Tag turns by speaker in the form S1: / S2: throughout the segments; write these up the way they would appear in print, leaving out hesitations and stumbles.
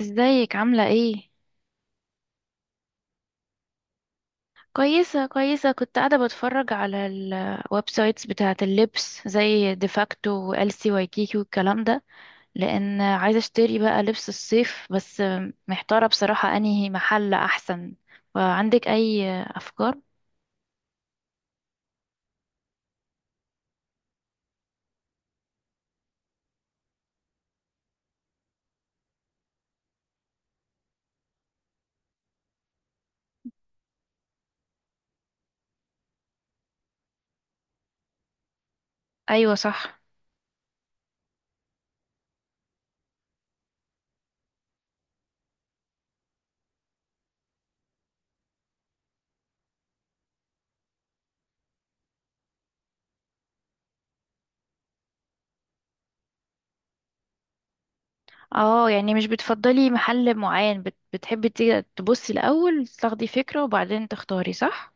S1: ازيك عاملة ايه؟ كويسة كويسة، كنت قاعدة بتفرج على الويب سايتس بتاعة اللبس زي ديفاكتو والسي وايكيكي والكلام ده. لأن عايزة اشتري بقى لبس الصيف بس. محتارة بصراحة انهي محل أحسن. فعندك أي أفكار؟ أيوة صح. اه، يعني مش بتفضلي محل معين، بتحبي تيجي تبصي الأول تاخدي فكرة وبعدين تختاري صح؟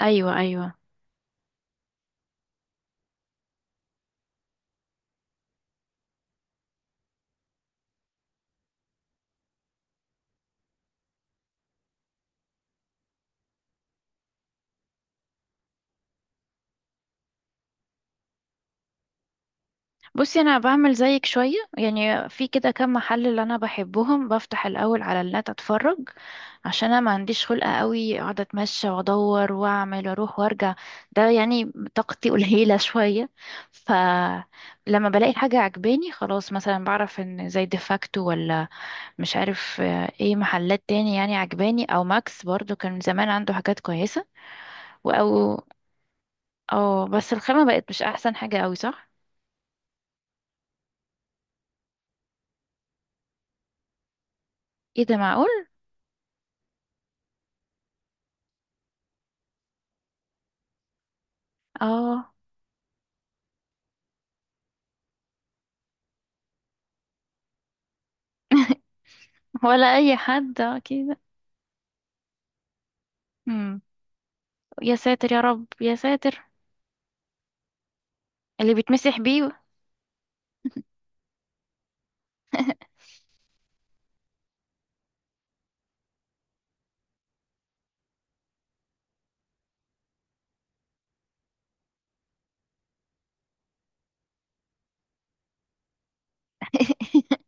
S1: أيوة أيوة. بصي، انا بعمل زيك شويه، يعني في كده كام محل اللي انا بحبهم بفتح الاول على النت اتفرج. عشان انا ما عنديش خلقه قوي اقعد اتمشى وادور واعمل واروح وارجع. ده يعني طاقتي قليله شويه. فلما بلاقي حاجه عجباني خلاص مثلا بعرف ان زي ديفاكتو ولا مش عارف ايه محلات تاني يعني عجباني، او ماكس برضو كان زمان عنده حاجات كويسه. او او بس الخامه بقت مش احسن حاجه قوي، صح؟ ايه ده، معقول؟ اه ولا اي حد كده. امم يا ساتر، يا رب، يا ساتر. اللي بيتمسح بيه.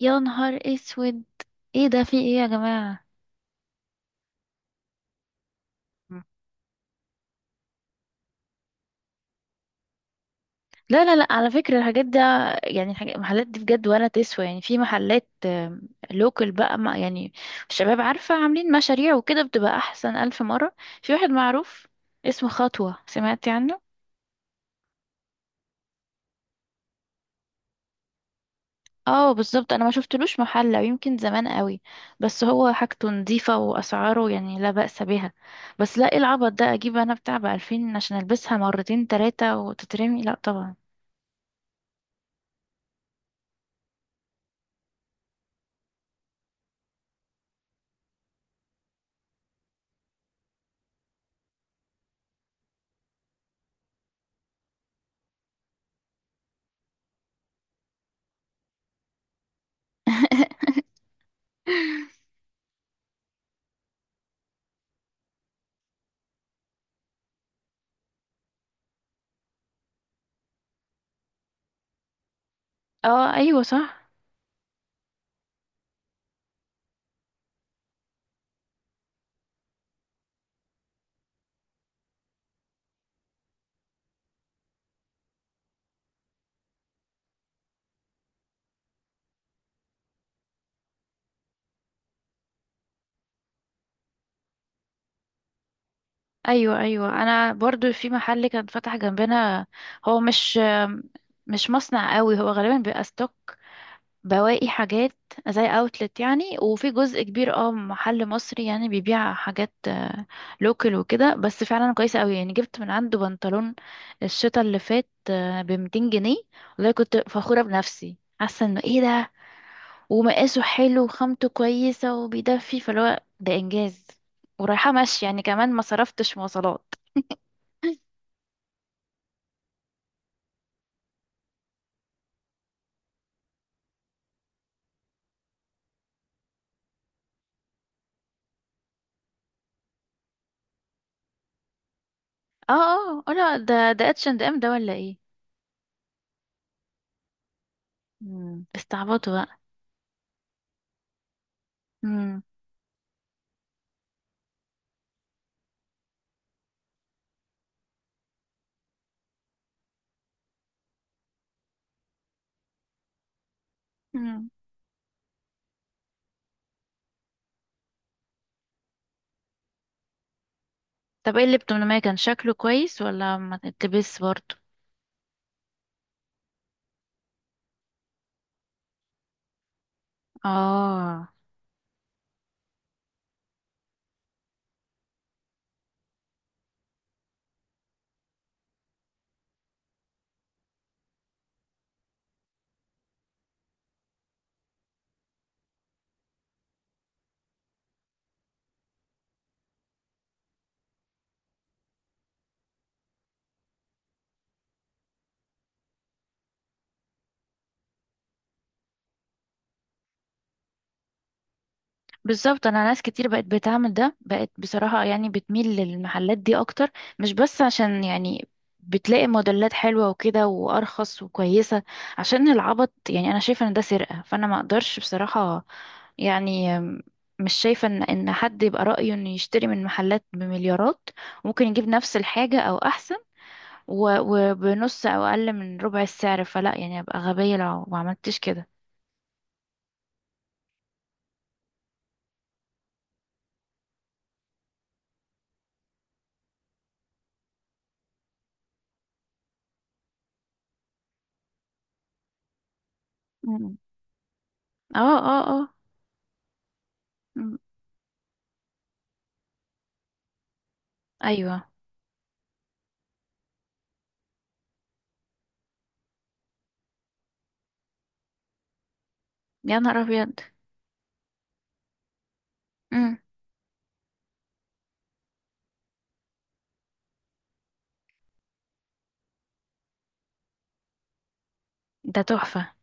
S1: يا نهار اسود. ايه ده، في ايه يا جماعة؟ مم. لا لا لا، على فكرة الحاجات ده، يعني الحاجات المحلات دي بجد ولا تسوى، يعني في محلات لوكال بقى، ما يعني الشباب عارفة عاملين مشاريع وكده بتبقى أحسن ألف مرة. في واحد معروف اسمه خطوة، سمعتي عنه؟ اه بالظبط، انا ما شفتلوش محل او يمكن زمان قوي. بس هو حاجته نظيفة واسعاره يعني لا بأس بها. بس لا، ايه العبط ده، اجيب انا بتاع ب2000 عشان البسها مرتين تلاتة وتترمي؟ لا طبعا. اه ايوه صح. ايوه ايوه، انا برضو في محل كان فتح جنبنا. هو مش مصنع قوي، هو غالبا بيبقى ستوك، بواقي حاجات، زي اوتلت يعني. وفي جزء كبير محل مصري يعني بيبيع حاجات لوكال وكده، بس فعلا كويسه قوي، يعني جبت من عنده بنطلون الشتا اللي فات ب 200 جنيه. والله كنت فخوره بنفسي، حاسه انه ايه ده. ومقاسه حلو وخامته كويسه وبيدفي، فاللي هو ده انجاز. ورايحه مشي يعني كمان ما صرفتش مواصلات. اه اه لا، ده اتش اند ام، ده ولا ايه؟ استعبطوا بقى. مم. طب، ايه اللي بتمنى؟ كان شكله كويس ولا ما تلبس برضه؟ اه بالظبط، انا ناس كتير بقت بتعمل ده، بقت بصراحة يعني بتميل للمحلات دي اكتر. مش بس عشان يعني بتلاقي موديلات حلوة وكده وارخص وكويسة، عشان العبط يعني. انا شايفة ان ده سرقة، فانا ما اقدرش بصراحة يعني. مش شايفة ان حد يبقى رأيه انه يشتري من محلات بمليارات، ممكن يجيب نفس الحاجة او احسن، وبنص او اقل من ربع السعر. فلا يعني، ابقى غبية لو ما عملتش كده. مم. اه اه اه. مم. ايوه. يا نهار ابيض. مم. ده تحفة.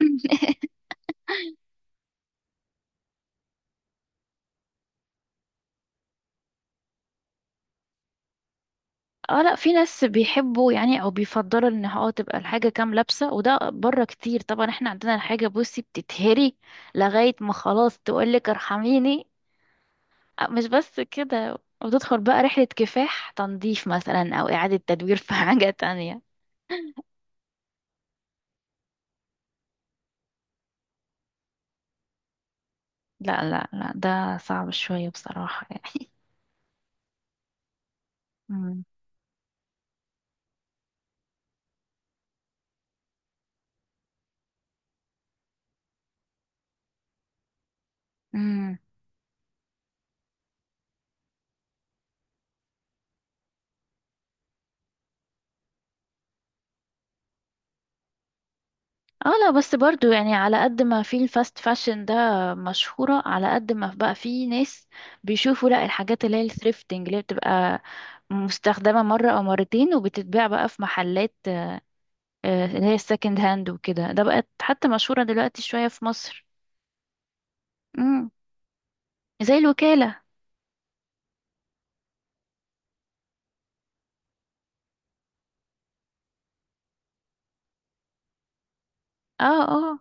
S1: اه لا، في ناس بيحبوا يعني او بيفضلوا ان تبقى الحاجة كام لابسة، وده بره كتير طبعا. احنا عندنا الحاجة بصي بتتهري لغاية ما خلاص تقولك ارحميني. اه مش بس كده، وتدخل بقى رحلة كفاح تنظيف مثلا او اعادة تدوير في حاجة تانية. لا لا لا، ده صعب شوية بصراحة يعني. مم. مم. اه لا، بس برضو يعني على قد ما في الفاست فاشن ده مشهورة، على قد ما بقى في ناس بيشوفوا لا، الحاجات اللي هي الثريفتنج، اللي هي بتبقى مستخدمة مرة أو مرتين وبتتباع بقى في محلات، اللي هي السكند هاند وكده، ده بقت حتى مشهورة دلوقتي شوية في مصر. مم. زي الوكالة. اه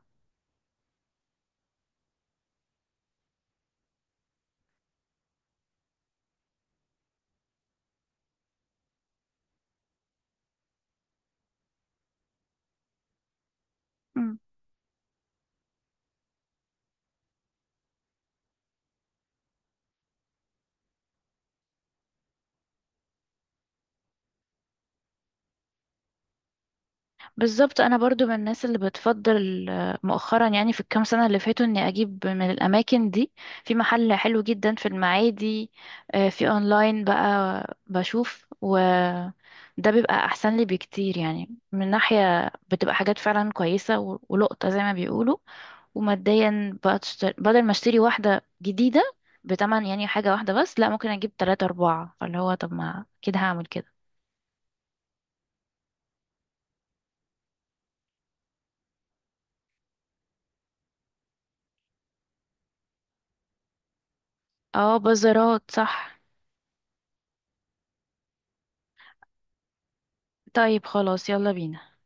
S1: اه بالظبط، انا برضو من الناس اللي بتفضل مؤخرا يعني في الكام سنه اللي فاتوا اني اجيب من الاماكن دي. في محل حلو جدا في المعادي. في اونلاين بقى بشوف، وده بيبقى احسن لي بكتير يعني. من ناحيه بتبقى حاجات فعلا كويسه ولقطه زي ما بيقولوا. وماديا بقى تشتري بدل ما اشتري واحده جديده بتمن، يعني حاجه واحده بس لا، ممكن اجيب تلاتة اربعة، فاللي هو طب، ما كده هعمل كده. اه بازارات صح. طيب خلاص، يلا بينا.